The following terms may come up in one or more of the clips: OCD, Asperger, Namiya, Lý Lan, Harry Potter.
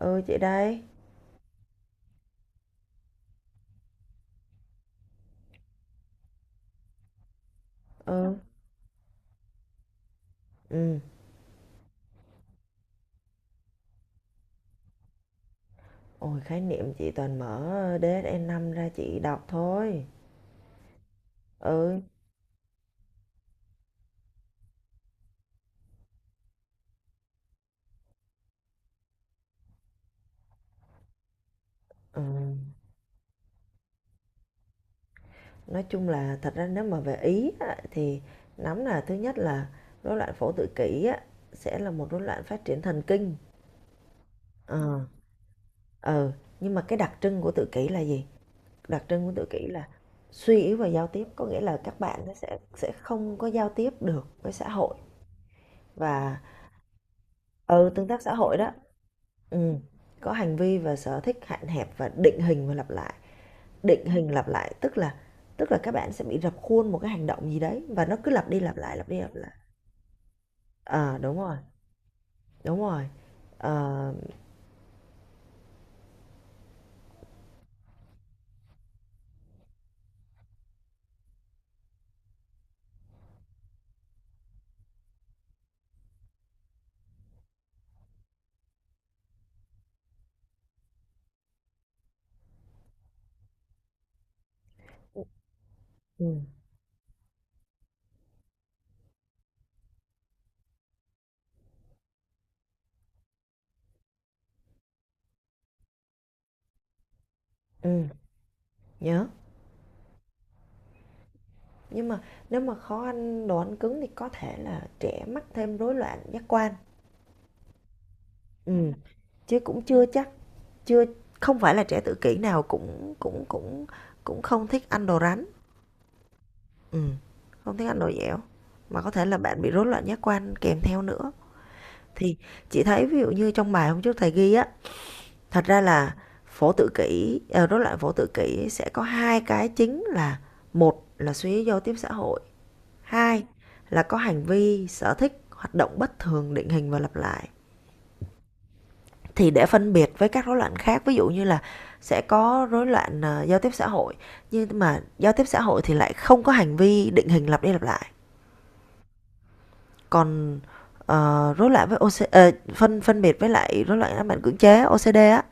Ừ, chị đây. Ừ. Ừ. Ôi, khái niệm chị toàn mở dsn năm ra chị đọc thôi. Ừ. Ừ. Nói chung là thật ra nếu mà về Ý á, thì nắm là thứ nhất là rối loạn phổ tự kỷ á, sẽ là một rối loạn phát triển thần kinh. Ờ. Ừ. Nhưng mà cái đặc trưng của tự kỷ là gì? Đặc trưng của tự kỷ là suy yếu về giao tiếp, có nghĩa là các bạn nó sẽ không có giao tiếp được với xã hội và ừ, tương tác xã hội đó. Ừm, có hành vi và sở thích hạn hẹp và định hình và lặp lại, định hình lặp lại tức là các bạn sẽ bị rập khuôn một cái hành động gì đấy và nó cứ lặp đi lặp lại, lặp đi lặp lại. Ờ, đúng rồi, đúng rồi. Ờ, ừm, ừm, nhớ. Nhưng mà nếu mà khó ăn đồ ăn cứng thì có thể là trẻ mắc thêm rối loạn giác quan. Ừm, Chứ cũng chưa chắc, chưa không phải là trẻ tự kỷ nào cũng cũng không thích ăn đồ rắn. Ừ, không thích ăn đồ dẻo, mà có thể là bạn bị rối loạn giác quan kèm theo nữa. Thì chị thấy ví dụ như trong bài hôm trước thầy ghi á, thật ra là phổ tự kỷ, rối loạn phổ tự kỷ sẽ có hai cái chính là một là suy nghĩ giao tiếp xã hội, hai là có hành vi sở thích hoạt động bất thường định hình và lặp lại. Thì để phân biệt với các rối loạn khác, ví dụ như là sẽ có rối loạn giao tiếp xã hội, nhưng mà giao tiếp xã hội thì lại không có hành vi định hình lặp đi lặp lại. Còn, rối loạn với OC phân phân biệt với lại rối loạn ám ảnh cưỡng chế OCD á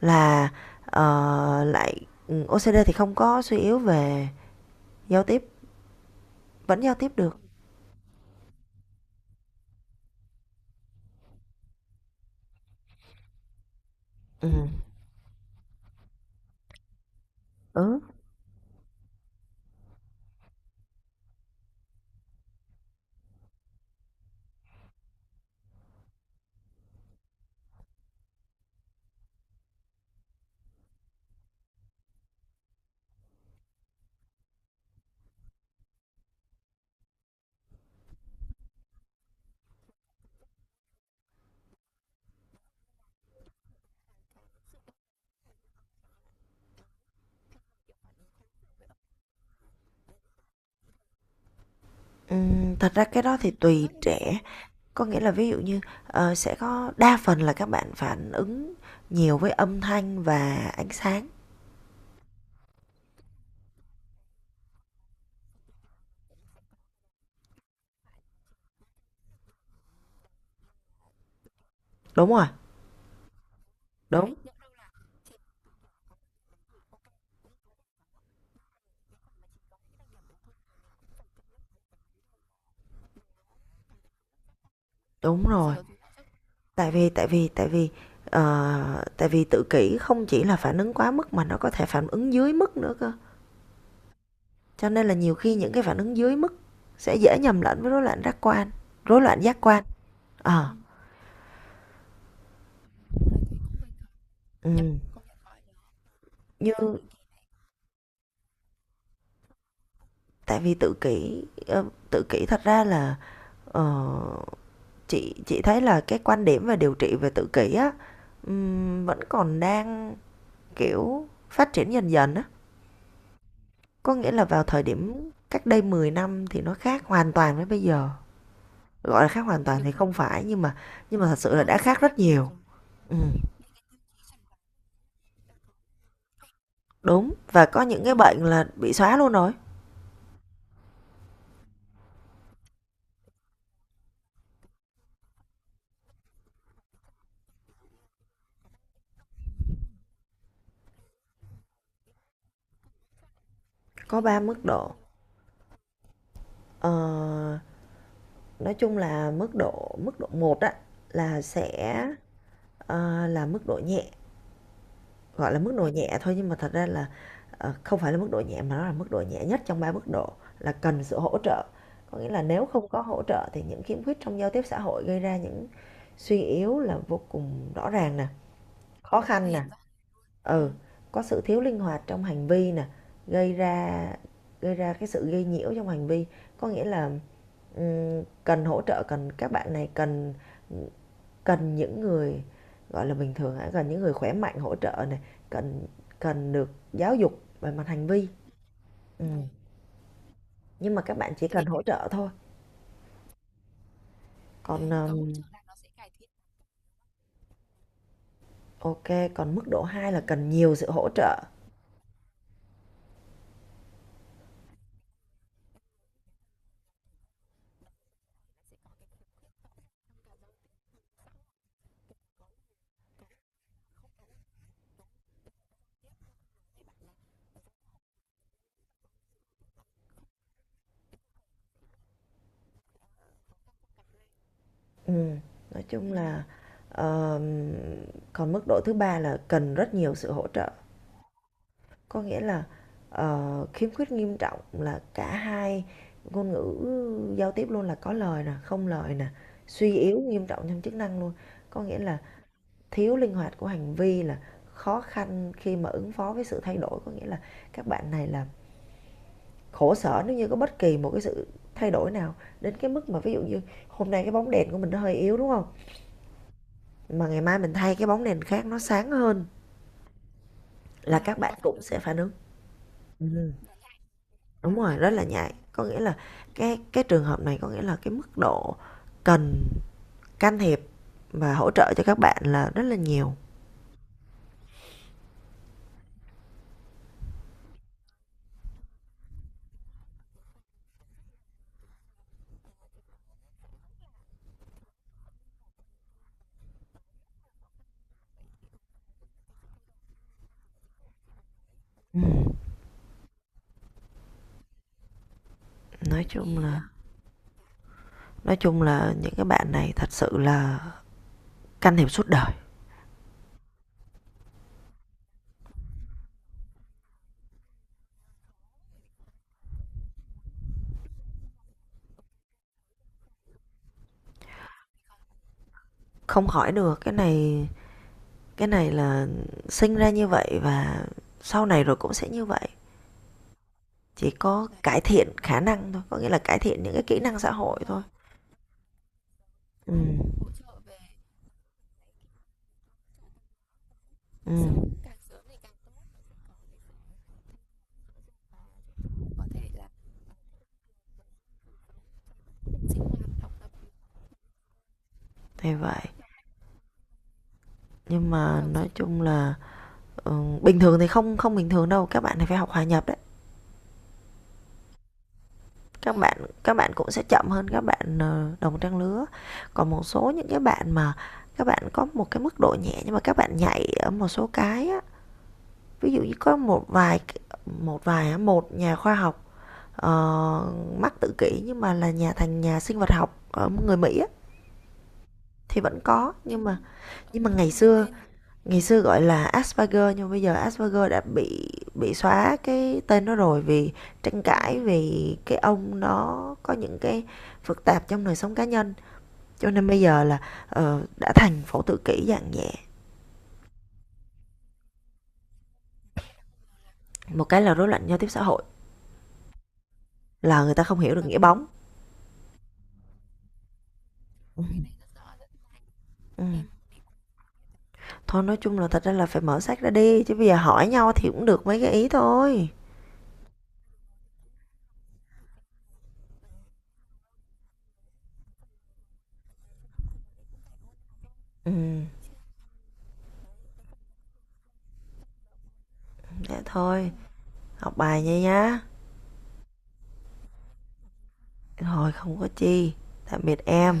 là, ờ, lại OCD thì không có suy yếu về giao tiếp, vẫn giao tiếp được. Ừm, ừ, Thật ra cái đó thì tùy trẻ, có nghĩa là ví dụ như, sẽ có đa phần là các bạn phản ứng nhiều với âm thanh và ánh sáng. Đúng rồi, đúng, đúng rồi. Tại vì tại vì tự kỷ không chỉ là phản ứng quá mức mà nó có thể phản ứng dưới mức nữa cơ, cho nên là nhiều khi những cái phản ứng dưới mức sẽ dễ nhầm lẫn với rối loạn giác quan, rối loạn giác quan ờ ừ. như Tại vì tự kỷ, tự kỷ thật ra là, ờ, chị thấy là cái quan điểm về điều trị về tự kỷ á, vẫn còn đang kiểu phát triển dần dần á, có nghĩa là vào thời điểm cách đây 10 năm thì nó khác hoàn toàn với bây giờ. Gọi là khác hoàn toàn thì không phải, nhưng mà thật sự là đã khác rất nhiều. Ừm, Đúng, và có những cái bệnh là bị xóa luôn rồi. Có 3 mức độ. Ờ, nói chung là mức độ một á là sẽ, là mức độ nhẹ, gọi là mức độ nhẹ thôi nhưng mà thật ra là, không phải là mức độ nhẹ mà nó là mức độ nhẹ nhất trong 3 mức độ, là cần sự hỗ trợ. Có nghĩa là nếu không có hỗ trợ thì những khiếm khuyết trong giao tiếp xã hội gây ra những suy yếu là vô cùng rõ ràng nè, khó khăn nè. Ừ, có sự thiếu linh hoạt trong hành vi nè, gây ra gây ra cái sự gây nhiễu trong hành vi, có nghĩa là cần hỗ trợ, cần các bạn này cần cần những người gọi là bình thường hả, cần những người khỏe mạnh hỗ trợ này, cần cần được giáo dục về mặt hành vi. Ừ. Nhưng mà các bạn chỉ cần hỗ trợ thôi. Còn ok, còn mức độ hai là cần nhiều sự hỗ trợ. Ừm, nói chung là, ờm, Còn mức độ thứ ba là cần rất nhiều sự hỗ trợ, có nghĩa là, khiếm khuyết nghiêm trọng là cả hai ngôn ngữ giao tiếp luôn, là có lời nè, không lời nè, suy yếu nghiêm trọng trong chức năng luôn. Có nghĩa là thiếu linh hoạt của hành vi là khó khăn khi mà ứng phó với sự thay đổi, có nghĩa là các bạn này là khổ sở nếu như có bất kỳ một cái sự thay đổi nào, đến cái mức mà ví dụ như hôm nay cái bóng đèn của mình nó hơi yếu, đúng không? Mà ngày mai mình thay cái bóng đèn khác nó sáng hơn là các bạn cũng sẽ phản ứng. Ừm, Đúng rồi, rất là nhạy. Có nghĩa là cái trường hợp này có nghĩa là cái mức độ cần can thiệp và hỗ trợ cho các bạn là rất là nhiều. Ừm, nói chung là nói chung là những cái bạn này thật sự là can thiệp suốt đời. Không khỏi được, cái này là sinh ra như vậy và sau này rồi cũng sẽ như vậy. Chỉ có cải thiện khả năng thôi, có nghĩa là cải thiện những cái kỹ năng xã hội thôi. Ừm. Ừ, thì vậy. Nhưng mà nói chung là ừ, bình thường thì không không bình thường đâu, các bạn thì phải học hòa nhập đấy. Các bạn các bạn cũng sẽ chậm hơn các bạn đồng trang lứa. Còn một số những cái bạn mà các bạn có một cái mức độ nhẹ nhưng mà các bạn nhạy ở một số cái á, ví dụ như có một vài á, một nhà khoa học ờ, mắc tự kỷ nhưng mà là nhà sinh vật học ở người Mỹ á, thì vẫn có. Nhưng mà nhưng mà ngày xưa ngày xưa gọi là Asperger nhưng bây giờ Asperger đã bị xóa cái tên nó rồi, vì tranh cãi vì cái ông nó có những cái phức tạp trong đời sống cá nhân, cho nên bây giờ là đã thành phổ tự kỷ dạng nhẹ. Một cái là rối loạn giao tiếp xã hội, là người ta không hiểu được nghĩa bóng. Ừ. Thôi nói chung là thật ra là phải mở sách ra, đi chứ bây giờ hỏi nhau thì cũng được mấy cái ý thôi. Ừ, dạ thôi, học bài nha nhá. Rồi, không có chi. Tạm biệt em.